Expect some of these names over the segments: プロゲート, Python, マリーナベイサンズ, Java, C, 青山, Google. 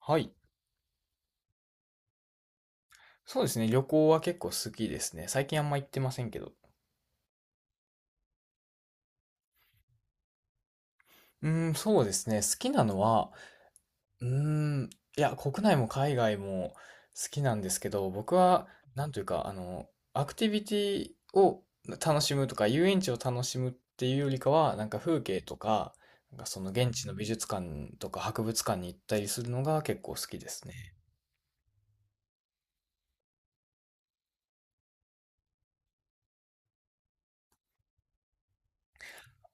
はい。そうですね。旅行は結構好きですね。最近あんま行ってませんけど。そうですね。好きなのは、うーん、国内も海外も好きなんですけど、僕は、なんというか、アクティビティを楽しむとか、遊園地を楽しむっていうよりかは、なんか風景とか、なんかその現地の美術館とか博物館に行ったりするのが結構好きですね。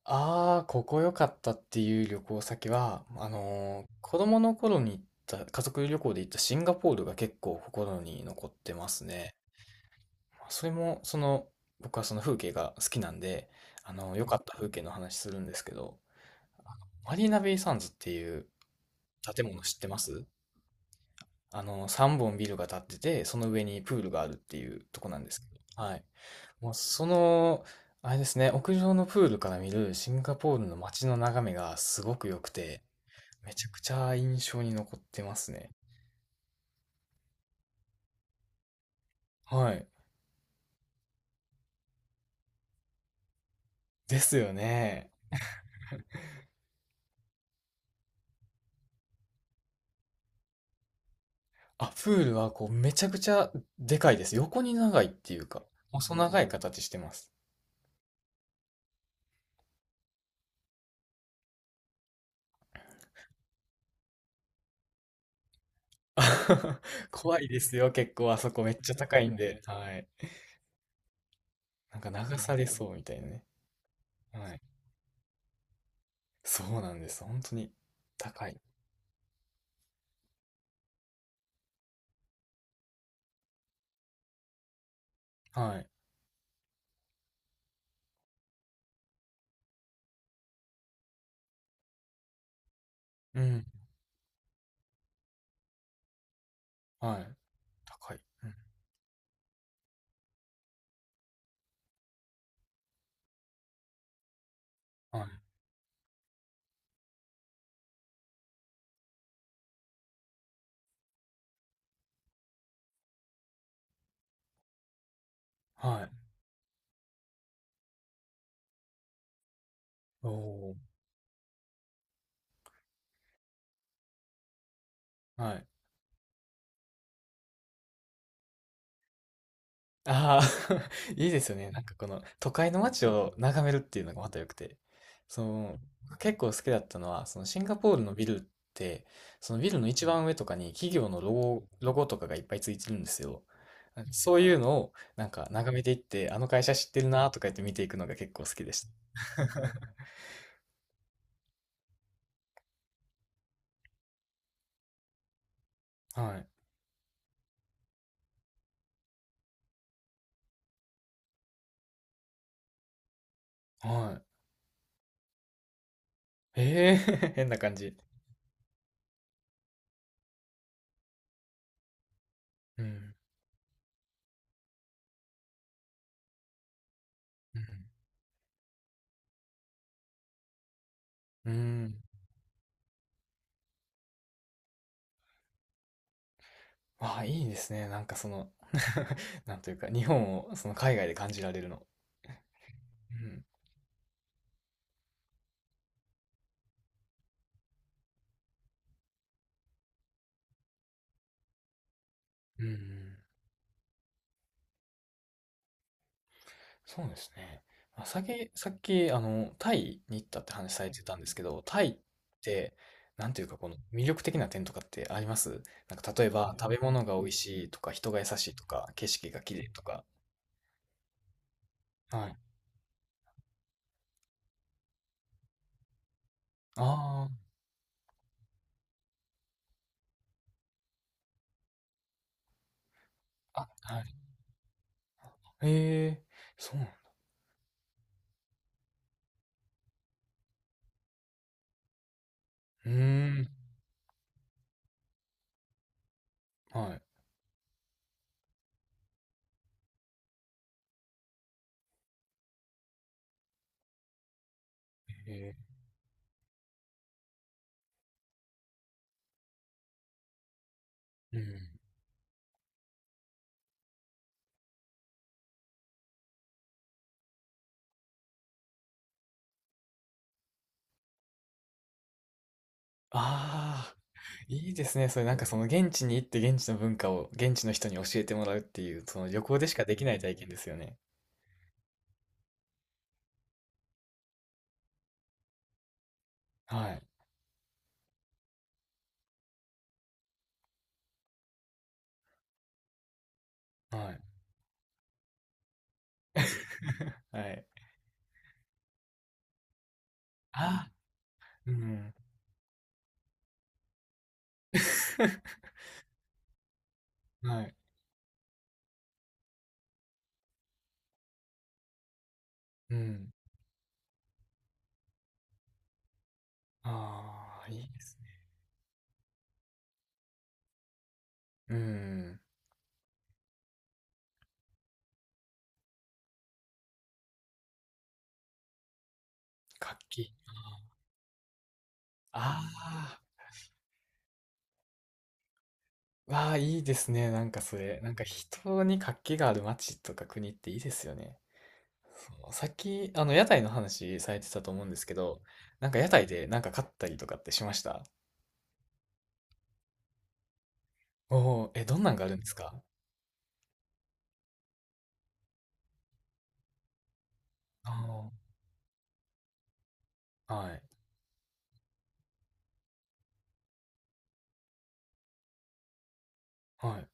ああ、ここ良かったっていう旅行先は、子供の頃に行った、家族旅行で行ったシンガポールが結構心に残ってますね。まあそれも、その、僕はその風景が好きなんで、良かった風景の話するんですけど、マリーナベイサンズっていう建物知ってます？3本ビルが建ってて、その上にプールがあるっていうとこなんですけど、はい。もうその、あれですね、屋上のプールから見るシンガポールの街の眺めがすごく良くて、めちゃくちゃ印象に残ってますね。はい。ですよね。あ、プールはこうめちゃくちゃでかいです。横に長いっていうか、細長い形してます。怖いですよ、結構あそこめっちゃ高いんで。はい。なんか流されそうみたいなね。はい。そうなんです。本当に高い。はい。うん。はい。高い。うん。はい。はい。おー。はい。ああ、いいですよね。なんかこの都会の街を眺めるっていうのがまた良くて。その、結構好きだったのは、そのシンガポールのビルって、そのビルの一番上とかに企業のロゴ、ロゴとかがいっぱいついてるんですよ。なんかそういうのをなんか眺めていって、あの会社知ってるなとか言って見ていくのが結構好きでした。はい。はい。ええ 変な感じ。うん。うん。うん。ああ、いいですね。なんかその なんというか、日本をその海外で感じられるの。うんうんそうですね。まあ、さっき、タイに行ったって話されてたんですけど、タイって、なんていうか、この魅力的な点とかってあります？なんか、例えば、食べ物が美味しいとか、人が優しいとか、景色が綺麗とか。はい。ああ、あ、はい。ええ、そうなんだ。うーん。はい。ええ、うん。ああ、いいですね。それなんかその現地に行って現地の文化を現地の人に教えてもらうっていう、その旅行でしかできない体験ですよね。はい。はい。はい。あ、うん。はい。うん。ああ、いいですね。うん。活気。ああ、わあ、いいですね。なんかそれ。なんか人に活気がある街とか国っていいですよね。そう、さっき、屋台の話されてたと思うんですけど、なんか屋台でなんか買ったりとかってしました？おおー、え、どんなんがあるんですか？ああー、はい、はい。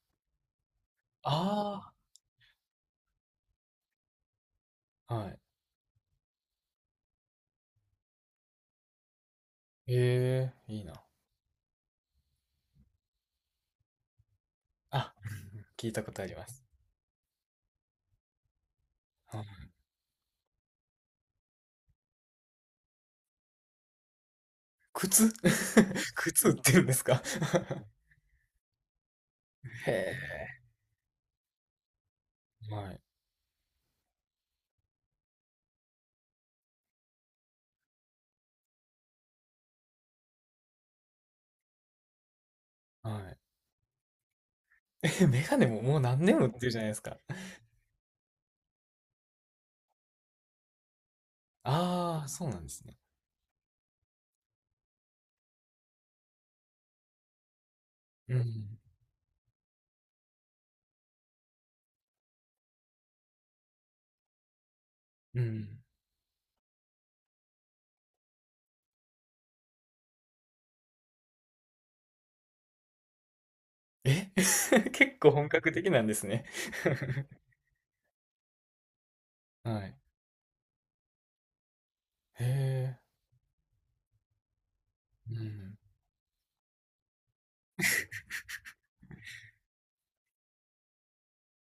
ああ、はい。ええ、いいな。あ、聞いたことあります。靴 靴売ってるんですか？ へえ。はい。はい。え、メガネももう何年も売ってるじゃないですか。ああ、そうなんですね。うん。うん。え 結構本格的なんですね？ はい。へえ。うん。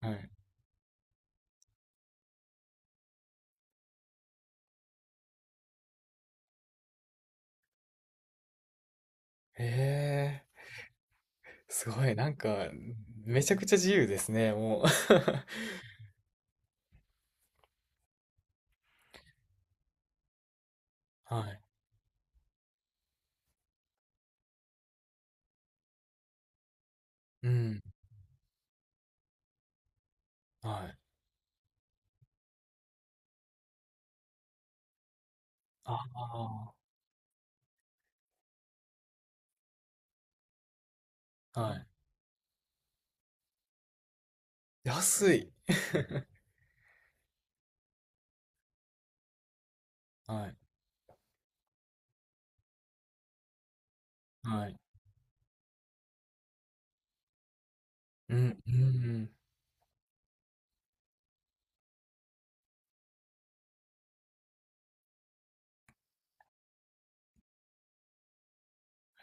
はい。へえ。すごい、なんか、めちゃくちゃ自由ですね、もう。はい。うん。はい。ああ、はい。安い。はい。はい。うん、うん。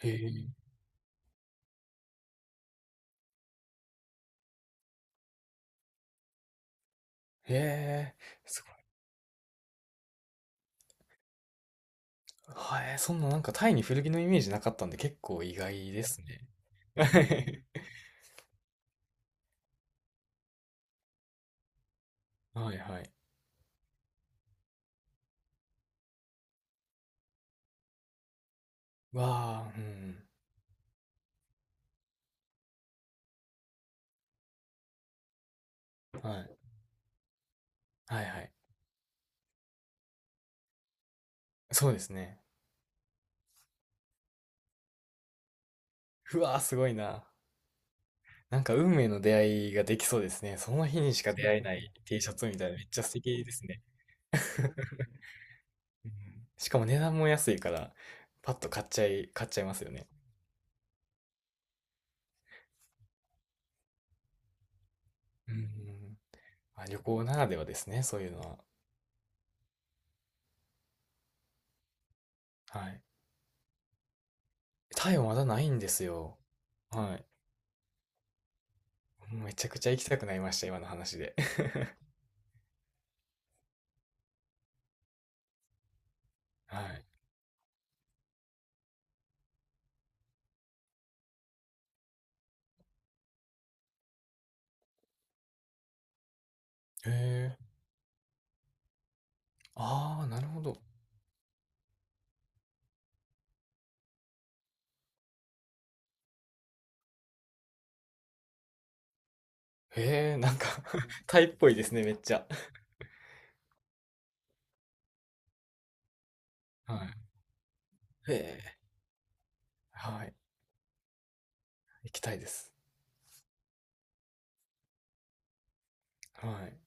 へえ。へえ、すごい。はい、そんななんかタイに古着のイメージなかったんで結構意外ですね。はいはい。わあ、うん。はい。はいはい。そうですね。うわあ、すごいな。なんか運命の出会いができそうですね。その日にしか出会えない T シャツみたいなめっちゃ素敵ですね。うん、しかも値段も安いから、パッと買っちゃい、買っちゃいますよね。うん。まあ、旅行ならではですね、そういうのは。はい。タイはまだないんですよ。はい。めちゃくちゃ行きたくなりました、今の話で。はい。へえ。ああ、なるほど。へえ、なんか タイっぽいですね、めっちゃ。はい。へえ。はい。行きたいです。はい。